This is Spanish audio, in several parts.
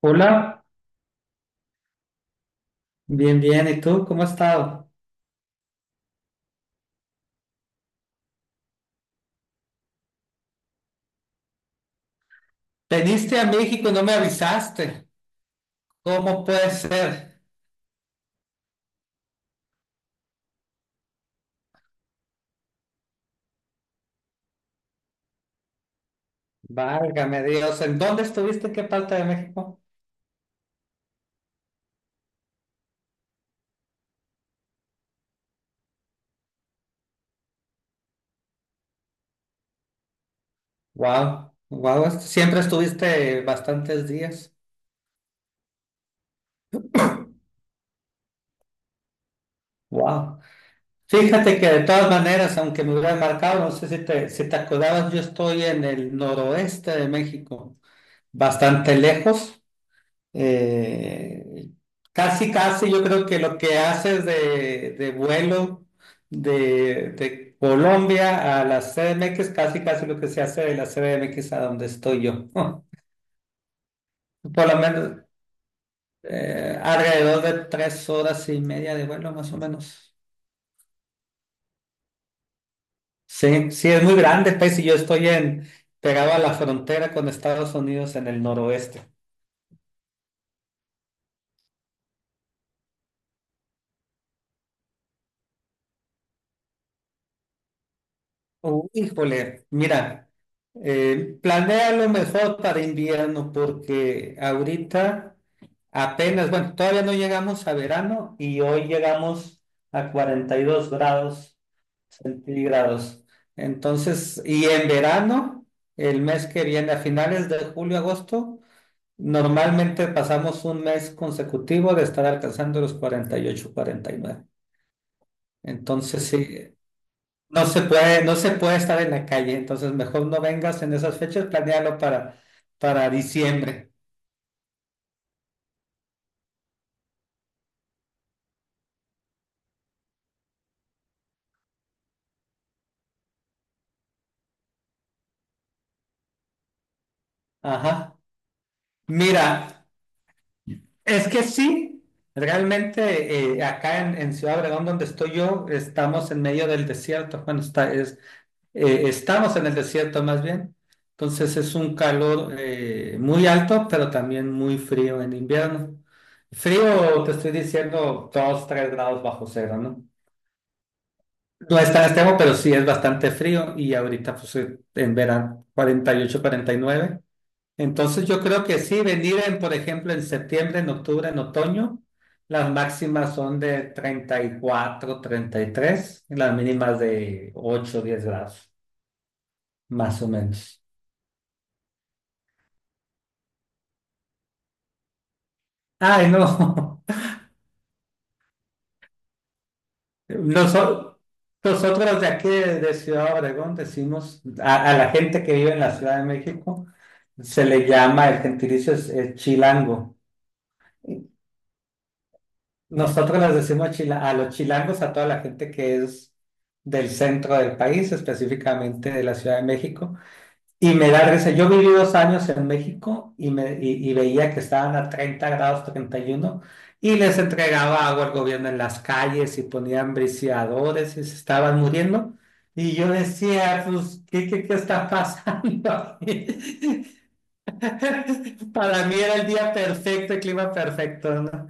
Hola, bien, bien. ¿Y tú cómo has estado? Veniste a México y no me avisaste. ¿Cómo puede ser? Válgame Dios. ¿En dónde estuviste? ¿En qué parte de México? Wow, wow. Siempre estuviste bastantes días. Wow. Fíjate que de todas maneras, aunque me hubieran marcado, no sé si te acordabas, yo estoy en el noroeste de México, bastante lejos. Eh, casi, casi yo creo que lo que haces de vuelo de Colombia a la CDMX, casi, casi lo que se hace de la CDMX a donde estoy yo. Por lo menos alrededor de tres horas y media de vuelo, más o menos. Sí, sí, es muy grande el país, y yo estoy en, pegado a la frontera con Estados Unidos en el noroeste. Oh, híjole, mira, planea lo mejor para invierno, porque ahorita apenas, bueno, todavía no llegamos a verano y hoy llegamos a 42 grados centígrados. Entonces, y en verano, el mes que viene, a finales de julio, agosto, normalmente pasamos un mes consecutivo de estar alcanzando los 40 48, 49. Entonces, sí. No se puede, estar en la calle, entonces mejor no vengas en esas fechas, planéalo para diciembre. Ajá. Mira, es que sí, realmente acá en Ciudad Obregón, donde estoy yo, estamos en medio del desierto. Bueno, estamos en el desierto más bien. Entonces es un calor muy alto, pero también muy frío en invierno. Frío, te estoy diciendo, 2 3 grados bajo cero, ¿no? No es tan extremo, pero sí es bastante frío, y ahorita pues en verano 48, 49. Entonces yo creo que sí, venir en, por ejemplo, en septiembre, en octubre, en otoño, las máximas son de 34, 33, y tres, y las mínimas de 8, 10 grados, más o menos. Ay, no. Noso- Nosotros de aquí de Ciudad Obregón decimos a la gente que vive en la Ciudad de México, se le llama, el gentilicio es chilango. Nosotros les decimos a los chilangos, a toda la gente que es del centro del país, específicamente de la Ciudad de México. Y me da risa. Yo viví dos años en México, y veía que estaban a 30 grados 31 y les entregaba agua al gobierno en las calles y ponían briciadores y se estaban muriendo. Y yo decía, pues, ¿qué está pasando aquí? Para mí era el día perfecto, el clima perfecto, ¿no?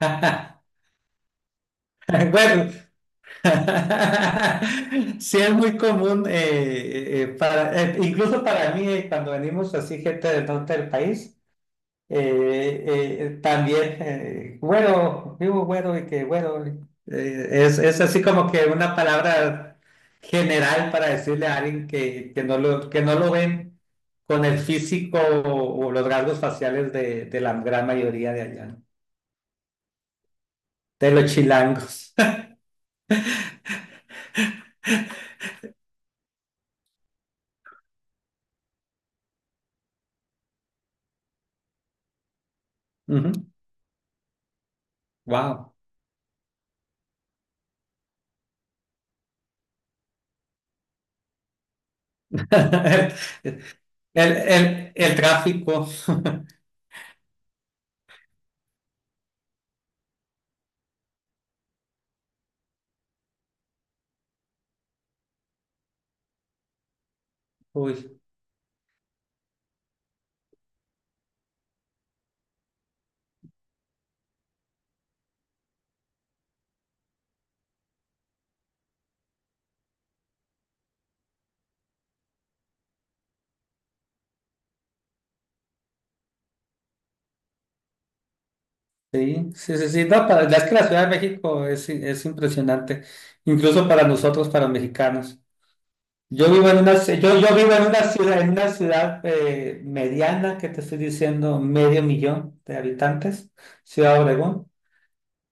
Bueno, sí, es muy común, para, incluso para mí, cuando venimos así, gente del norte del país, también, güero, vivo güero y que güero, es así como que una palabra general para decirle a alguien que, que no lo ven con el físico o los rasgos faciales de la gran mayoría de allá, ¿no? De los chilangos. Wow. El tráfico, uy, sí, sí, sí, sí, no, es que la Ciudad de México es impresionante, incluso para nosotros, para mexicanos. Yo vivo en una, yo vivo en una ciudad mediana, que te estoy diciendo, medio millón de habitantes, Ciudad Obregón.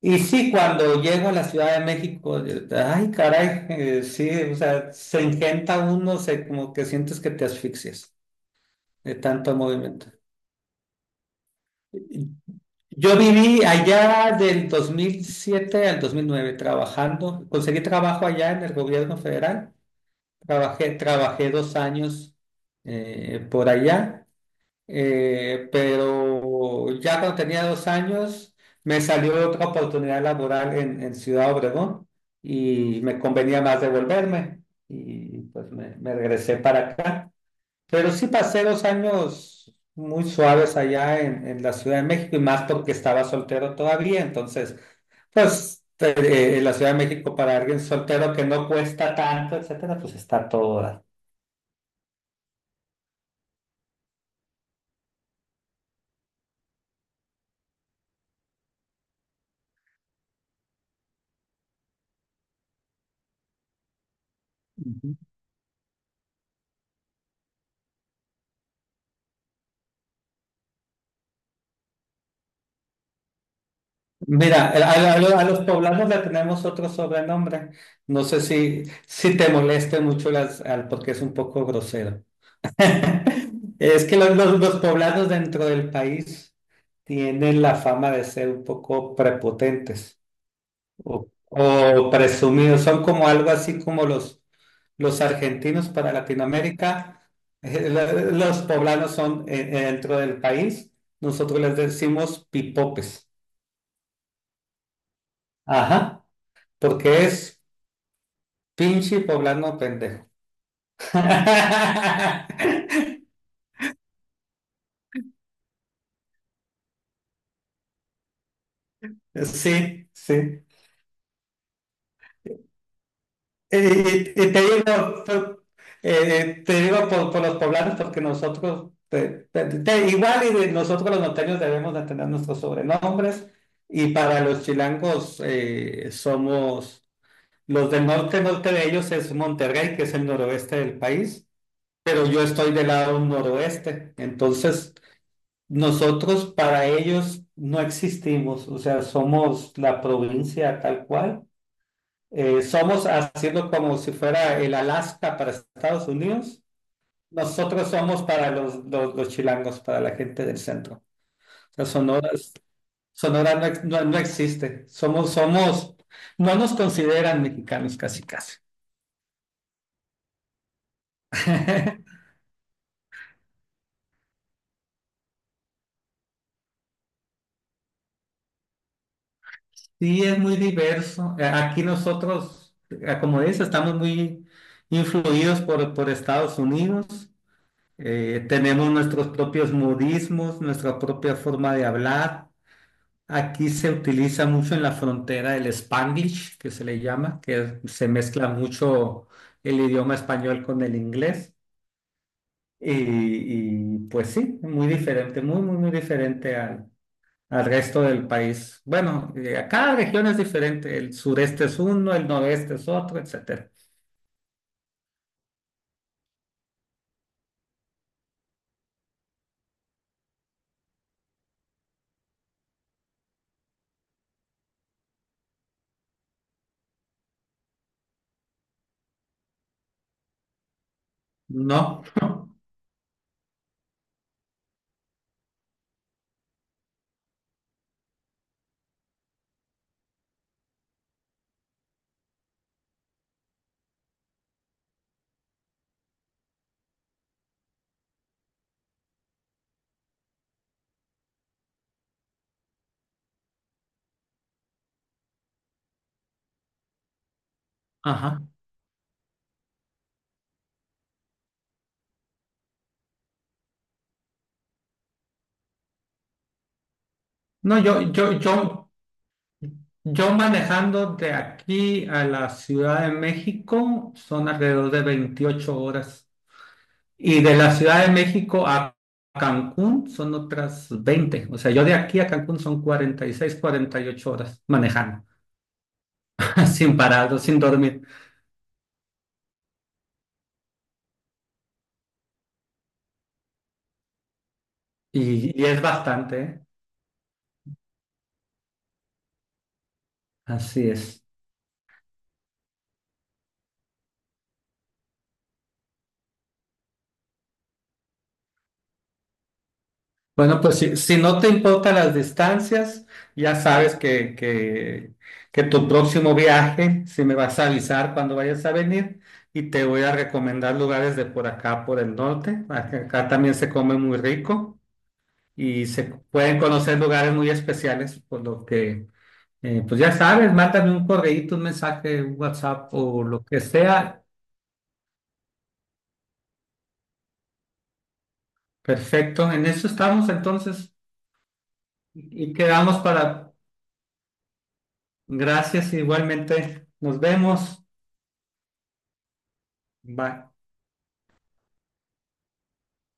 Y sí, cuando llego a la Ciudad de México, ay, caray, sí, o sea, se engenta uno, se, como que sientes que te asfixias de tanto movimiento. Yo viví allá del 2007 al 2009 trabajando. Conseguí trabajo allá en el gobierno federal. Trabajé 2 años por allá. Pero ya cuando tenía 2 años me salió otra oportunidad laboral en Ciudad Obregón, y me convenía más devolverme, y pues me regresé para acá. Pero sí pasé 2 años muy suaves allá en la Ciudad de México, y más porque estaba soltero todavía. Entonces, pues la Ciudad de México para alguien soltero que no cuesta tanto, etcétera, pues está todo. Da. Ujú. Mira, a los poblanos le tenemos otro sobrenombre. No sé si, si te moleste mucho porque es un poco grosero. Es que los poblanos dentro del país tienen la fama de ser un poco prepotentes. O presumidos, son como algo así como los argentinos para Latinoamérica, los poblanos son dentro del país, nosotros les decimos pipopes, ajá, porque es pinche poblano pendejo. Sí, sí. Y te digo, pero, te digo por los poblanos, porque nosotros, igual, y de nosotros los norteños debemos de tener nuestros sobrenombres, y para los chilangos somos, los del norte, norte de ellos es Monterrey, que es el noroeste del país, pero yo estoy del lado noroeste. Entonces nosotros para ellos no existimos, o sea, somos la provincia tal cual. Somos haciendo como si fuera el Alaska para Estados Unidos. Nosotros somos para los chilangos, para la gente del centro. O sea, Sonora, Sonora no, no existe. Somos no nos consideran mexicanos, casi, casi. Sí, es muy diverso. Aquí nosotros, como dices, estamos muy influidos por Estados Unidos. Tenemos nuestros propios modismos, nuestra propia forma de hablar. Aquí se utiliza mucho en la frontera el Spanglish, que se le llama, que se mezcla mucho el idioma español con el inglés. Pues sí, muy diferente, muy diferente al resto del país. Bueno, a cada región es diferente. El sureste es uno, el noreste es otro, etcétera. No, ajá. No, yo manejando de aquí a la Ciudad de México son alrededor de 28 horas. Y de la Ciudad de México a Cancún son otras 20. O sea, yo de aquí a Cancún son 46, 48 horas manejando, sin parado, sin dormir. Y es bastante, ¿eh? Así es. Bueno, pues si, si no te importan las distancias, ya sabes que tu próximo viaje, si me vas a avisar cuando vayas a venir, y te voy a recomendar lugares de por acá, por el norte. Acá acá también se come muy rico, y se pueden conocer lugares muy especiales, por lo que, pues ya sabes, mándame un correíto, un mensaje, un WhatsApp o lo que sea. Perfecto, en eso estamos entonces, y quedamos para... Gracias, igualmente. Nos vemos. Bye.